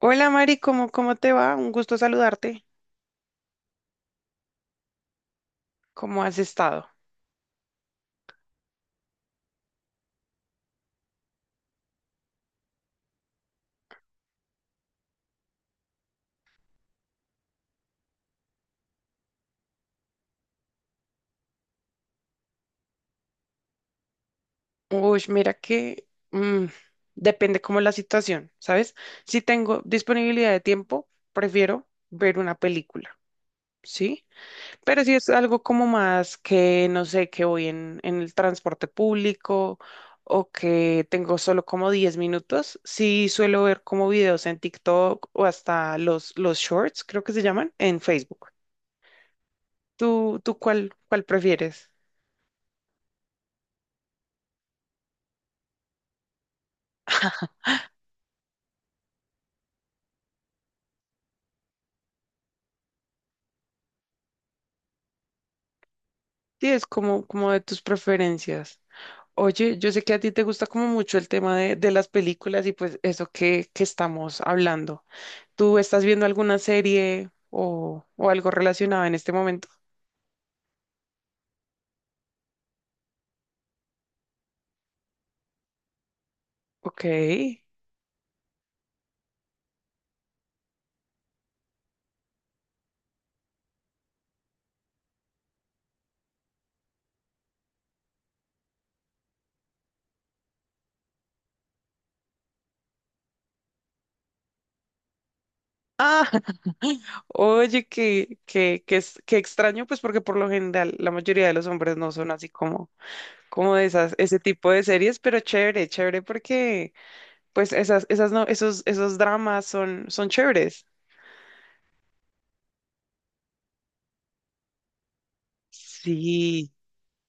Hola Mari, ¿cómo te va? Un gusto saludarte. ¿Cómo has estado? Uy, mira que depende cómo la situación, ¿sabes? Si tengo disponibilidad de tiempo, prefiero ver una película, ¿sí? Pero si es algo como más que, no sé, que voy en, el transporte público o que tengo solo como 10 minutos, sí suelo ver como videos en TikTok o hasta los shorts, creo que se llaman, en Facebook. ¿Tú cuál prefieres? Sí, es como de tus preferencias. Oye, yo sé que a ti te gusta como mucho el tema de, las películas y pues eso que estamos hablando. ¿Tú estás viendo alguna serie o algo relacionado en este momento? Ok. Ah, oye, que extraño, pues porque por lo general la mayoría de los hombres no son así como ese tipo de series, pero chévere, chévere porque pues esas no, esos dramas son chéveres. Sí.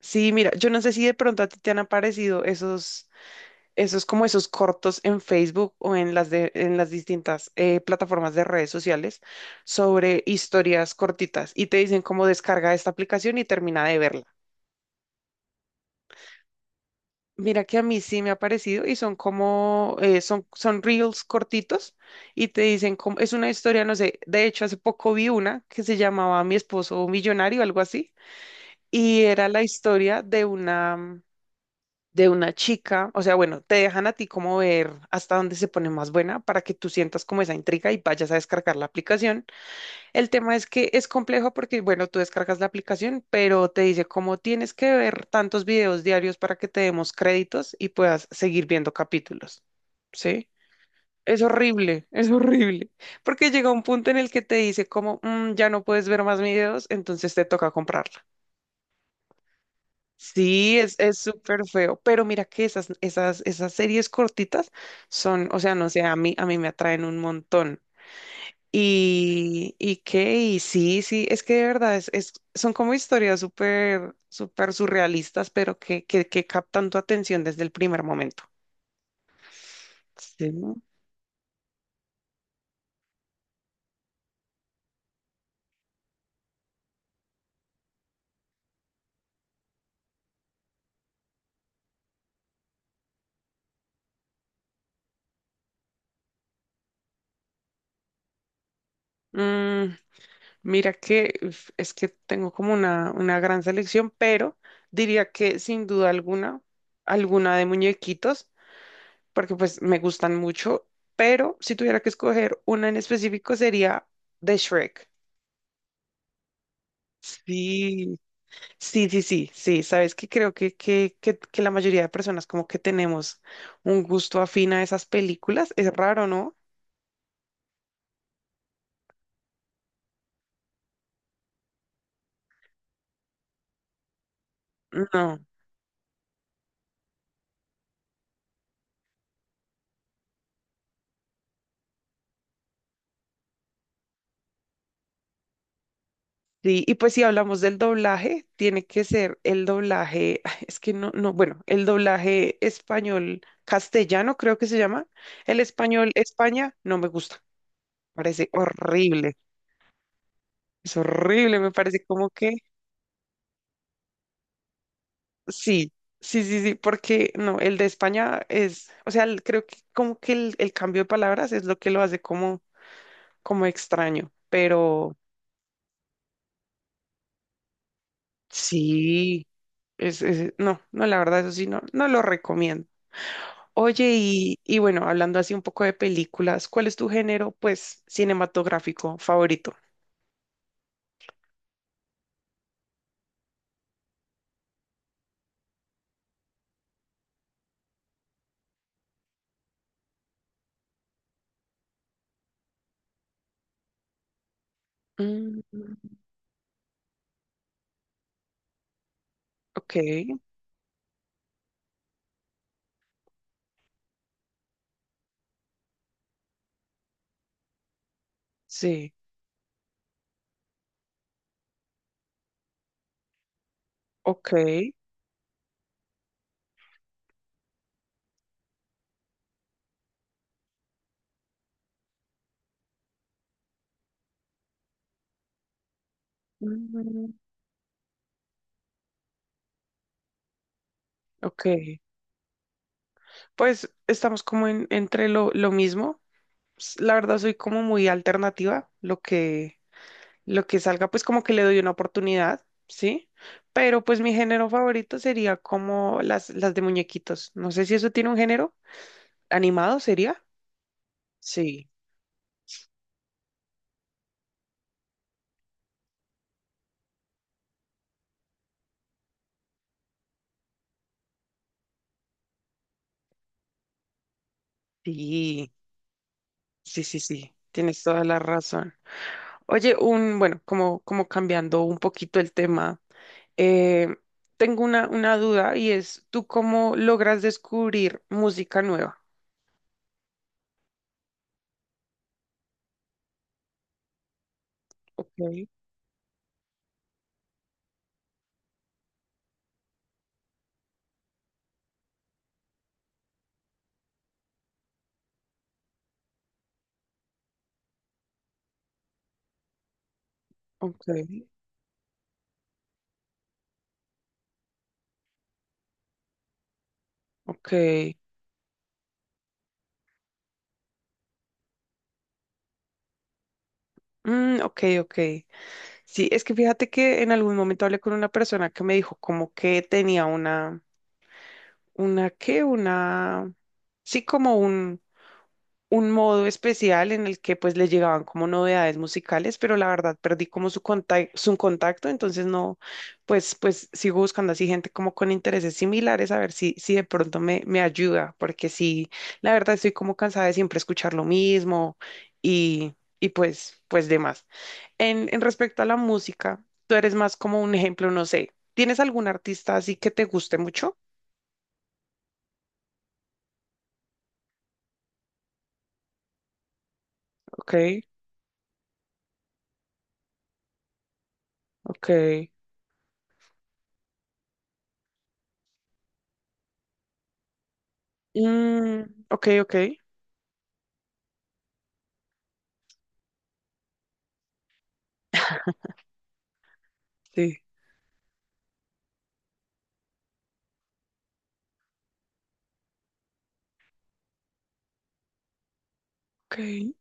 Sí, mira, yo no sé si de pronto a ti te han aparecido esos cortos en Facebook o en las distintas plataformas de redes sociales sobre historias cortitas y te dicen cómo descarga esta aplicación y termina de verla. Mira que a mí sí me ha parecido y son reels cortitos y te dicen cómo, es una historia, no sé, de hecho hace poco vi una que se llamaba Mi esposo millonario, algo así, y era la historia de una chica, o sea, bueno, te dejan a ti como ver hasta dónde se pone más buena para que tú sientas como esa intriga y vayas a descargar la aplicación. El tema es que es complejo porque, bueno, tú descargas la aplicación, pero te dice cómo tienes que ver tantos videos diarios para que te demos créditos y puedas seguir viendo capítulos. ¿Sí? Es horrible, es horrible, porque llega un punto en el que te dice como, "Mm, ya no puedes ver más videos, entonces te toca comprarlo." Sí, es súper feo, pero mira que esas series cortitas son, o sea, no sé, a mí me atraen un montón. Y qué, y sí, sí, es que de verdad son como historias súper, súper surrealistas, pero que captan tu atención desde el primer momento. Sí, ¿no? Mm, Mira que uf, es que tengo como una gran selección, pero diría que sin duda alguna, alguna de muñequitos. Porque pues me gustan mucho, pero si tuviera que escoger una en específico sería de Shrek. Sí, sí, sí, sí, sí, sabes que creo que la mayoría de personas como que tenemos un gusto afín a esas películas, es raro, ¿no? No. Sí, y pues si hablamos del doblaje, tiene que ser el doblaje, es que no, no, bueno, el doblaje español castellano creo que se llama, el español España no me gusta, parece horrible. Es horrible, me parece como que sí, sí, sí, sí, porque no, el de España es, o sea, el- creo que como que el cambio de palabras es lo que lo hace como extraño, pero sí, no, no, la verdad, eso sí, no, no lo recomiendo. Oye, y bueno, hablando así un poco de películas, ¿cuál es tu género, pues, cinematográfico favorito? Mm, ok, sí, ok, mm, ok. Pues estamos como entre lo mismo. La verdad soy como muy alternativa, lo que salga, pues como que le doy una oportunidad, ¿sí? Pero pues mi género favorito sería como las de muñequitos. No sé si eso tiene un género. ¿Animado sería? Sí, sí, sí, sí, sí. Tienes toda la razón. Oye, bueno, como cambiando un poquito el tema, eh, tengo una duda y es, ¿tú cómo logras descubrir música nueva? Ok, ok, ok. Mm, ok, ok. Sí, es que fíjate que en algún momento hablé con una persona que me dijo como que tenía una, ¿qué? Una, sí, como un modo especial en el que pues le llegaban como novedades musicales, pero la verdad perdí como su contacto, entonces no, pues sigo buscando así gente como con intereses similares a ver si de pronto me ayuda, porque sí, la verdad estoy como cansada de siempre escuchar lo mismo y, y pues demás. En respecto a la música, tú eres más como un ejemplo, no sé, ¿tienes algún artista así que te guste mucho? Ok, ok. Mm, ok, ok. Sí. Ok.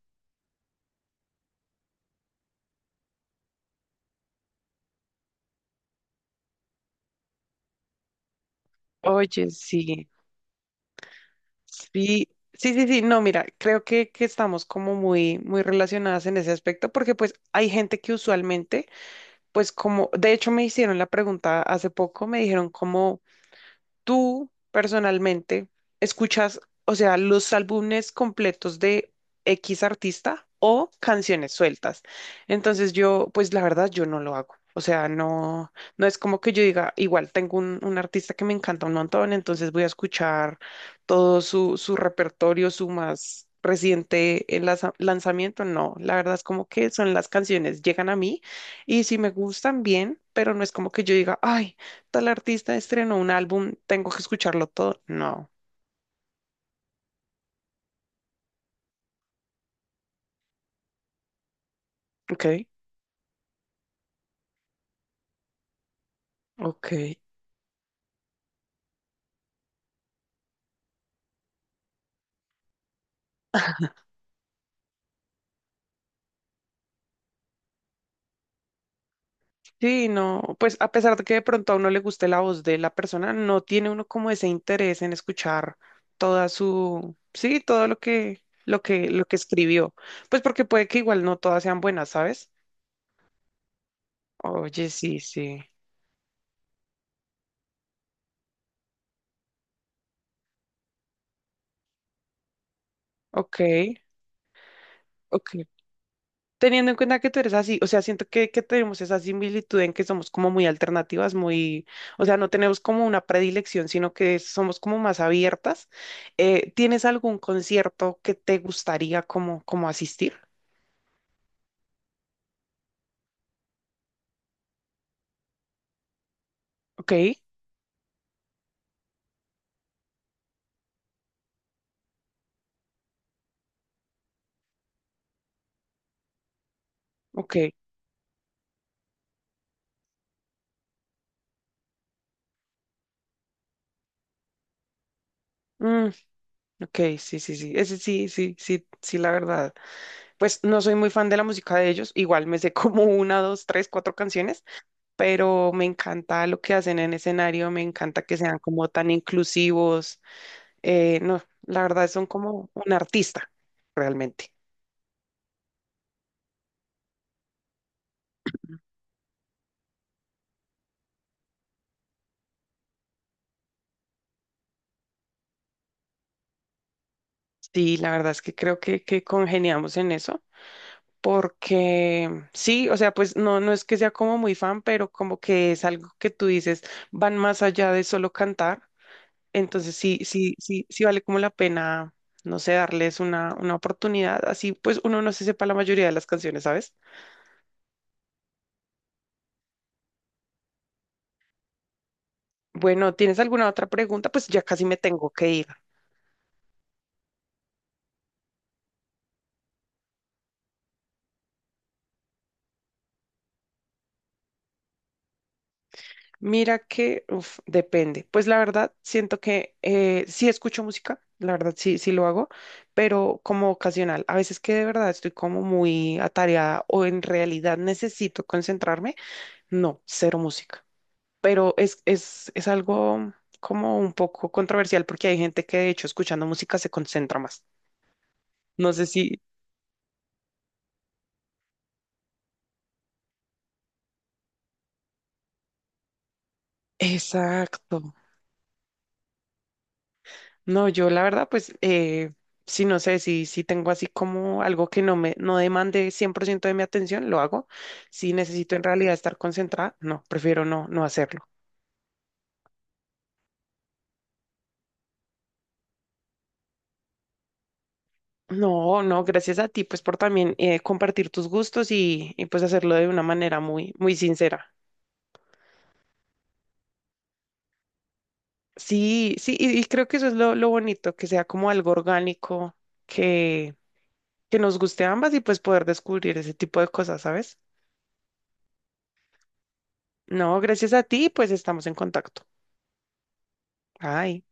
Oye, sí, sí, sí, sí, sí, no, mira, creo que estamos como muy, muy relacionadas en ese aspecto porque pues hay gente que usualmente, pues como, de hecho me hicieron la pregunta hace poco, me dijeron como... ¿Tú personalmente escuchas, o sea, los álbumes completos de X artista o canciones sueltas? Entonces yo, pues la verdad, yo no lo hago. O sea, no, no es como que yo diga, igual tengo un artista que me encanta un montón, entonces voy a escuchar todo su repertorio, su más reciente lanzamiento. No, la verdad es como que son las canciones, llegan a mí y si me gustan bien, pero no es como que yo diga, ay tal artista estrenó un álbum, tengo que escucharlo todo. No. Ok, ok. Sí, no, pues a pesar de que de pronto a uno le guste la voz de la persona, no tiene uno como ese interés en escuchar toda su, sí, todo lo que escribió. Pues porque puede que igual no todas sean buenas, ¿sabes? Oye, sí, sí. Ok, ok. Teniendo en cuenta que tú eres así, o sea, siento que tenemos esa similitud en que somos como muy alternativas, muy, o sea, no tenemos como una predilección, sino que somos como más abiertas. ¿Tienes algún concierto que te gustaría como asistir? Ok, ok. Mm, ok, sí, sí, sí. Ese sí, sí, sí, sí, la verdad. Pues no soy muy fan de la música de ellos. Igual me sé como una, dos, tres, cuatro canciones, pero me encanta lo que hacen en escenario, me encanta que sean como tan inclusivos. No, la verdad son como un artista, realmente. Sí, la verdad es que creo que congeniamos en eso, porque sí, o sea, pues no, no es que sea como muy fan, pero como que es algo que tú dices, van más allá de solo cantar. Entonces sí, sí, sí, sí vale como la pena, no sé, darles una oportunidad. Así pues uno no se sepa la mayoría de las canciones, ¿sabes? Bueno, ¿tienes alguna otra pregunta? Pues ya casi me tengo que ir. Mira que, uf, depende. Pues la verdad, siento que sí escucho música, la verdad sí, sí lo hago, pero como ocasional. A veces que de verdad estoy como muy atareada o en realidad necesito concentrarme, no, cero música. Pero es algo como un poco controversial porque hay gente que de hecho escuchando música se concentra más. No sé si... Exacto. No, yo la verdad, pues, sí, no sé, si tengo así como algo que no demande 100% de mi atención, lo hago. Si necesito en realidad estar concentrada, no, prefiero no, no hacerlo. No, no, gracias a ti, pues, por también compartir tus gustos y, pues hacerlo de una manera muy, muy sincera. Sí, sí, y creo que eso es lo bonito, que, sea como algo orgánico, que, que nos guste a ambas y pues poder descubrir ese tipo de cosas, ¿sabes? No, gracias a ti, pues estamos en contacto. Ay.